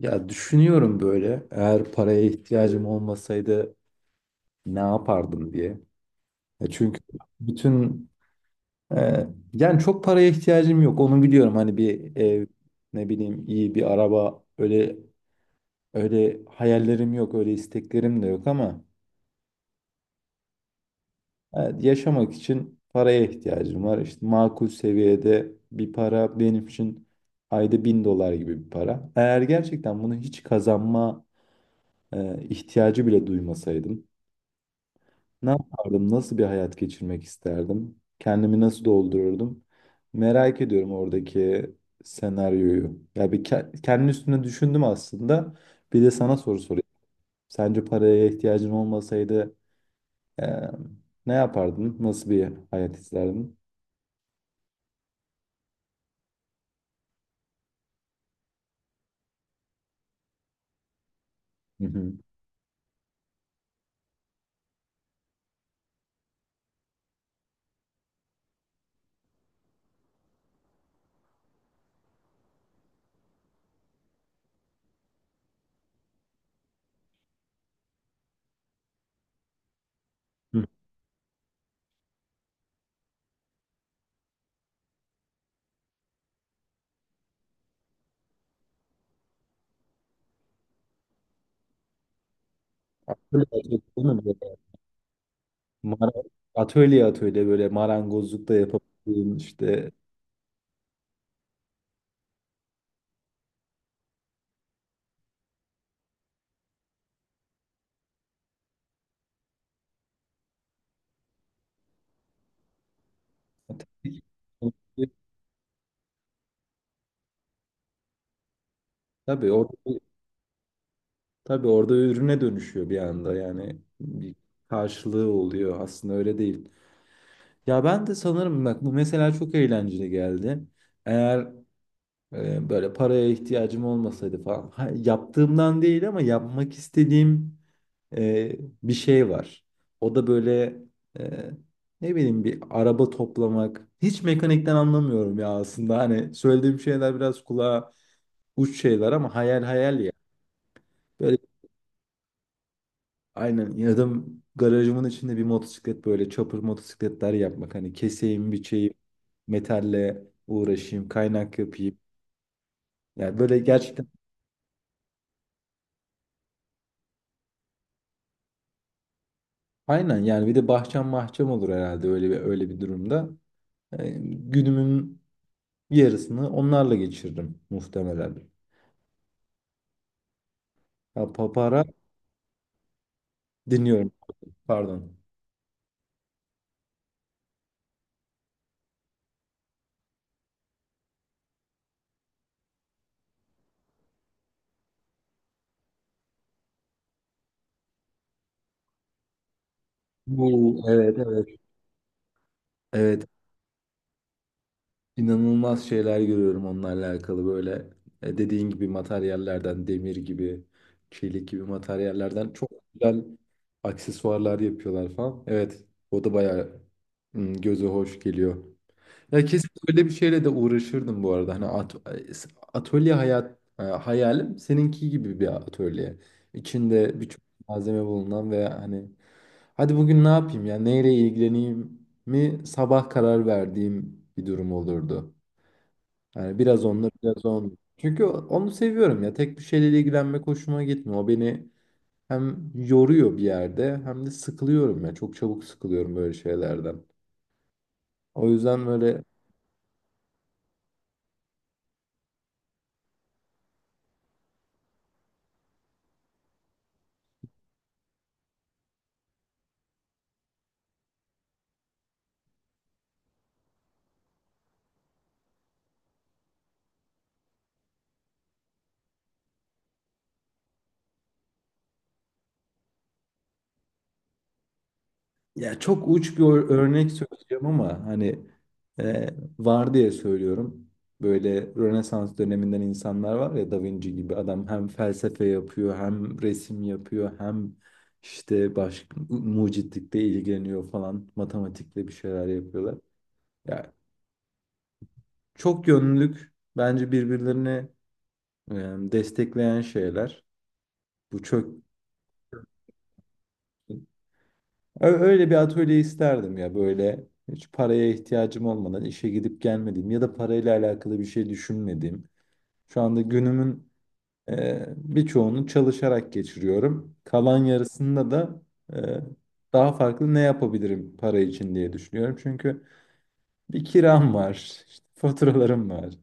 Ya düşünüyorum böyle eğer paraya ihtiyacım olmasaydı ne yapardım diye. Ya çünkü bütün e, yani çok paraya ihtiyacım yok, onu biliyorum. Hani bir ev, ne bileyim, iyi bir araba, öyle öyle hayallerim yok, öyle isteklerim de yok ama evet, yaşamak için paraya ihtiyacım var. İşte makul seviyede bir para benim için, ayda 1000 dolar gibi bir para. Eğer gerçekten bunu hiç kazanma ihtiyacı bile duymasaydım. Ne yapardım? Nasıl bir hayat geçirmek isterdim? Kendimi nasıl doldururdum? Merak ediyorum oradaki senaryoyu. Ya kendi üstüne düşündüm aslında. Bir de sana soru sorayım. Sence paraya ihtiyacın olmasaydı eee, ne yapardın? Nasıl bir hayat isterdin? Hı hı. Hı. Atölye atölye değil mi böyle? Mara- Atölye atölye böyle, marangozluk da yapabildiğin işte. Tabii orada Tabii orada ürüne dönüşüyor bir anda, yani bir karşılığı oluyor, aslında öyle değil. Ya ben de sanırım, bak bu mesela çok eğlenceli geldi. Eğer böyle paraya ihtiyacım olmasaydı falan, ha, yaptığımdan değil ama yapmak istediğim e, bir şey var. O da böyle e, ne bileyim, bir araba toplamak. Hiç mekanikten anlamıyorum ya aslında, hani söylediğim şeyler biraz kulağa uç şeyler ama hayal hayal ya. Böyle Aynen, ya da garajımın içinde bir motosiklet, böyle çapır motosikletler yapmak. Hani keseyim, biçeyim, metalle uğraşayım, kaynak yapayım. Yani böyle gerçekten aynen, yani bir de bahçem bahçem olur herhalde öyle bir, öyle bir durumda. Yani günümün yarısını onlarla geçirdim muhtemelen. Ha, papara dinliyorum. Pardon. Bu, evet evet. Evet. İnanılmaz şeyler görüyorum onlarla alakalı, böyle dediğin gibi materyallerden, demir gibi, çelik gibi materyallerden çok güzel aksesuarlar yapıyorlar falan. Evet, o da bayağı göze hoş geliyor. Ya kesin öyle bir şeyle de uğraşırdım bu arada. Hani atölye hayalim seninki gibi bir atölye. İçinde birçok malzeme bulunan ve hani hadi bugün ne yapayım ya, neyle ilgileneyim mi sabah karar verdiğim bir durum olurdu. Yani biraz onunla biraz onunla. Çünkü onu seviyorum ya. Tek bir şeyle ilgilenmek hoşuma gitmiyor. O beni hem yoruyor bir yerde, hem de sıkılıyorum ya. Çok çabuk sıkılıyorum böyle şeylerden. O yüzden böyle, ya çok uç bir örnek söyleyeceğim ama hani e, var diye söylüyorum. Böyle Rönesans döneminden insanlar var ya, Da Vinci gibi. Adam hem felsefe yapıyor, hem resim yapıyor, hem işte başka mucitlikle ilgileniyor falan, matematikle bir şeyler yapıyorlar. Ya çok yönlülük bence birbirlerini e, destekleyen şeyler. Bu çok Öyle bir atölye isterdim ya, böyle hiç paraya ihtiyacım olmadan işe gidip gelmediğim ya da parayla alakalı bir şey düşünmediğim. Şu anda günümün birçoğunu çalışarak geçiriyorum. Kalan yarısında da e, daha farklı ne yapabilirim para için diye düşünüyorum. Çünkü bir kiram var, işte faturalarım var.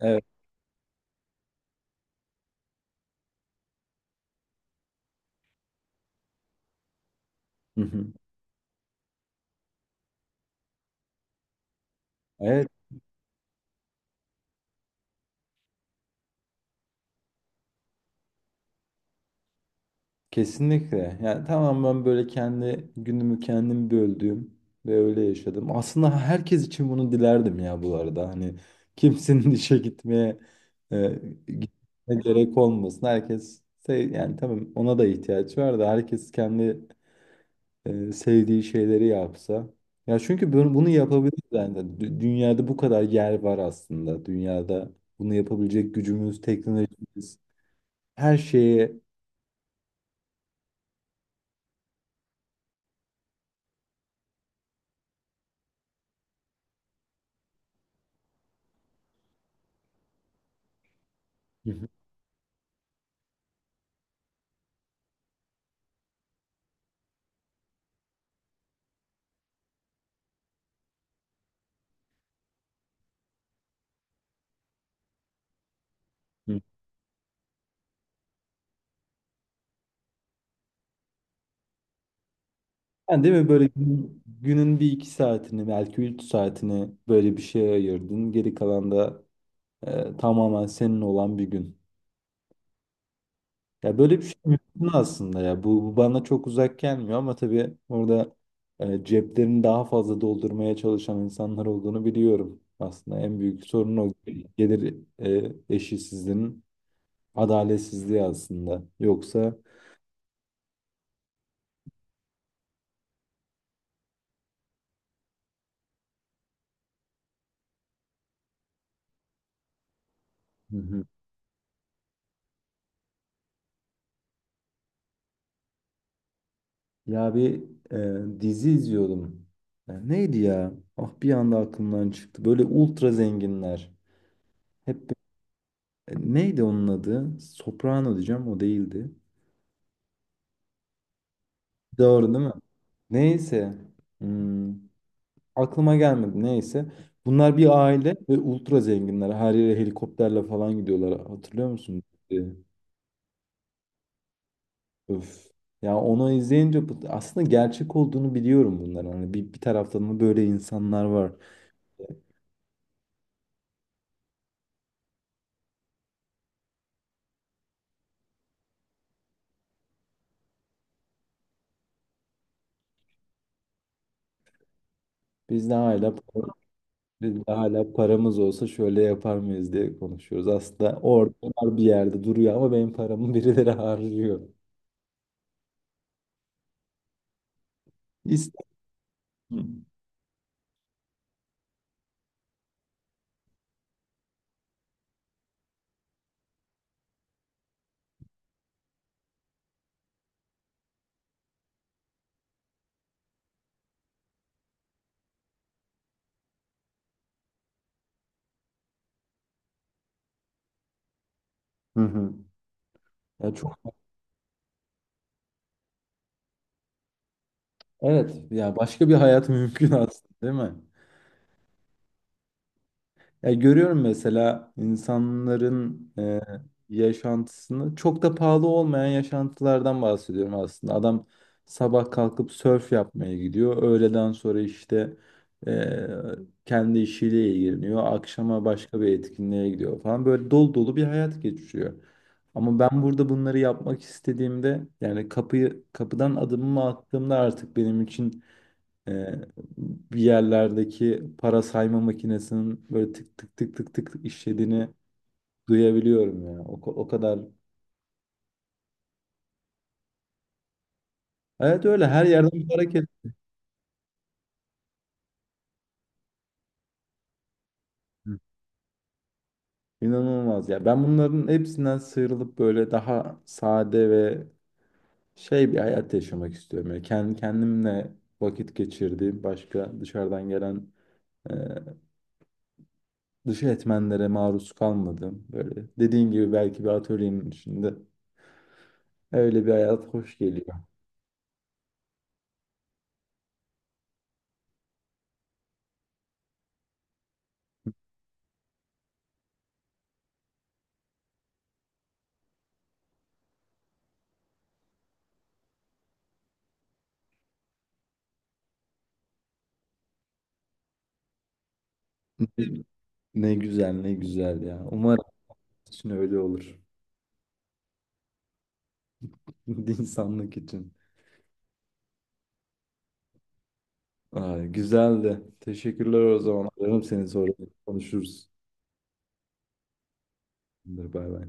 Evet. Hı hı. Evet. Kesinlikle. Yani tamam, ben böyle kendi günümü kendim böldüğüm ve öyle yaşadım. Aslında herkes için bunu dilerdim ya bu arada. Hani kimsenin işe e, gitmeye gerek olmasın. Herkes sev, yani tamam, ona da ihtiyaç var da, herkes kendi sevdiği şeyleri yapsa. Ya çünkü bunu, bunu yapabiliriz yani. Dünyada kadar yer var aslında. Dünyada bunu yapabilecek gücümüz, teknolojimiz, her şeye Yani değil mi, böyle günün bir iki saatini, belki 3 saatini böyle bir şeye ayırdın. Geri kalan da tamamen senin olan bir gün. Ya böyle bir şey mümkün aslında ya. Bu, bu bana çok uzak gelmiyor ama tabii orada ceplerini daha fazla doldurmaya çalışan insanlar olduğunu biliyorum. Aslında en büyük sorun o, gelir eşitsizliğinin adaletsizliği aslında. Yoksa. Hı hı. Ya bir dizi izliyordum. Neydi ya? Ah, bir anda aklımdan çıktı. Böyle ultra zenginler. Hep neydi onun adı? Soprano diyeceğim, o değildi. Doğru değil mi? Neyse. Hmm, aklıma gelmedi, neyse. Bunlar bir aile ve ultra zenginler. Her yere helikopterle falan gidiyorlar. Hatırlıyor musun? E, Öf. Ya onu izleyince aslında gerçek olduğunu biliyorum bunların. Hani bir, taraftan da böyle insanlar var. Bizde hala Biz de hala paramız olsa şöyle yapar mıyız diye konuşuyoruz. Aslında orada var, bir yerde duruyor, ama benim paramı birileri harcıyor. İster. Hı hı. Ya çok Evet, ya başka bir hayat mümkün aslında değil mi? Ya görüyorum mesela insanların yaşantısını, çok da pahalı olmayan yaşantılardan bahsediyorum aslında. Adam sabah kalkıp sörf yapmaya gidiyor. Öğleden sonra işte e, kendi işiyle ilgileniyor. Akşama başka bir etkinliğe gidiyor falan. Böyle dolu dolu bir hayat geçiriyor. Ama ben burada bunları yapmak istediğimde, yani kapıyı, kapıdan adımımı attığımda artık benim için ee, bir yerlerdeki para sayma makinesinin böyle tık tık tık tık tık tık işlediğini duyabiliyorum ya. O, o kadar. Evet, öyle her yerden bir hareket. Hı. İnanılmaz ya. Ben bunların hepsinden sıyrılıp böyle daha sade ve şey bir hayat yaşamak istiyorum. Yani kendi kendimle vakit geçirdiğim, başka dışarıdan gelen e, dış etmenlere maruz kalmadım. Böyle dediğin gibi belki bir atölyenin içinde öyle bir hayat hoş geliyor. Ne güzel, ne güzel ya. Umarım için öyle olur. İnsanlık için. Ay, güzeldi. Teşekkürler o zaman. Ararım seni sonra, konuşuruz. Bay bay.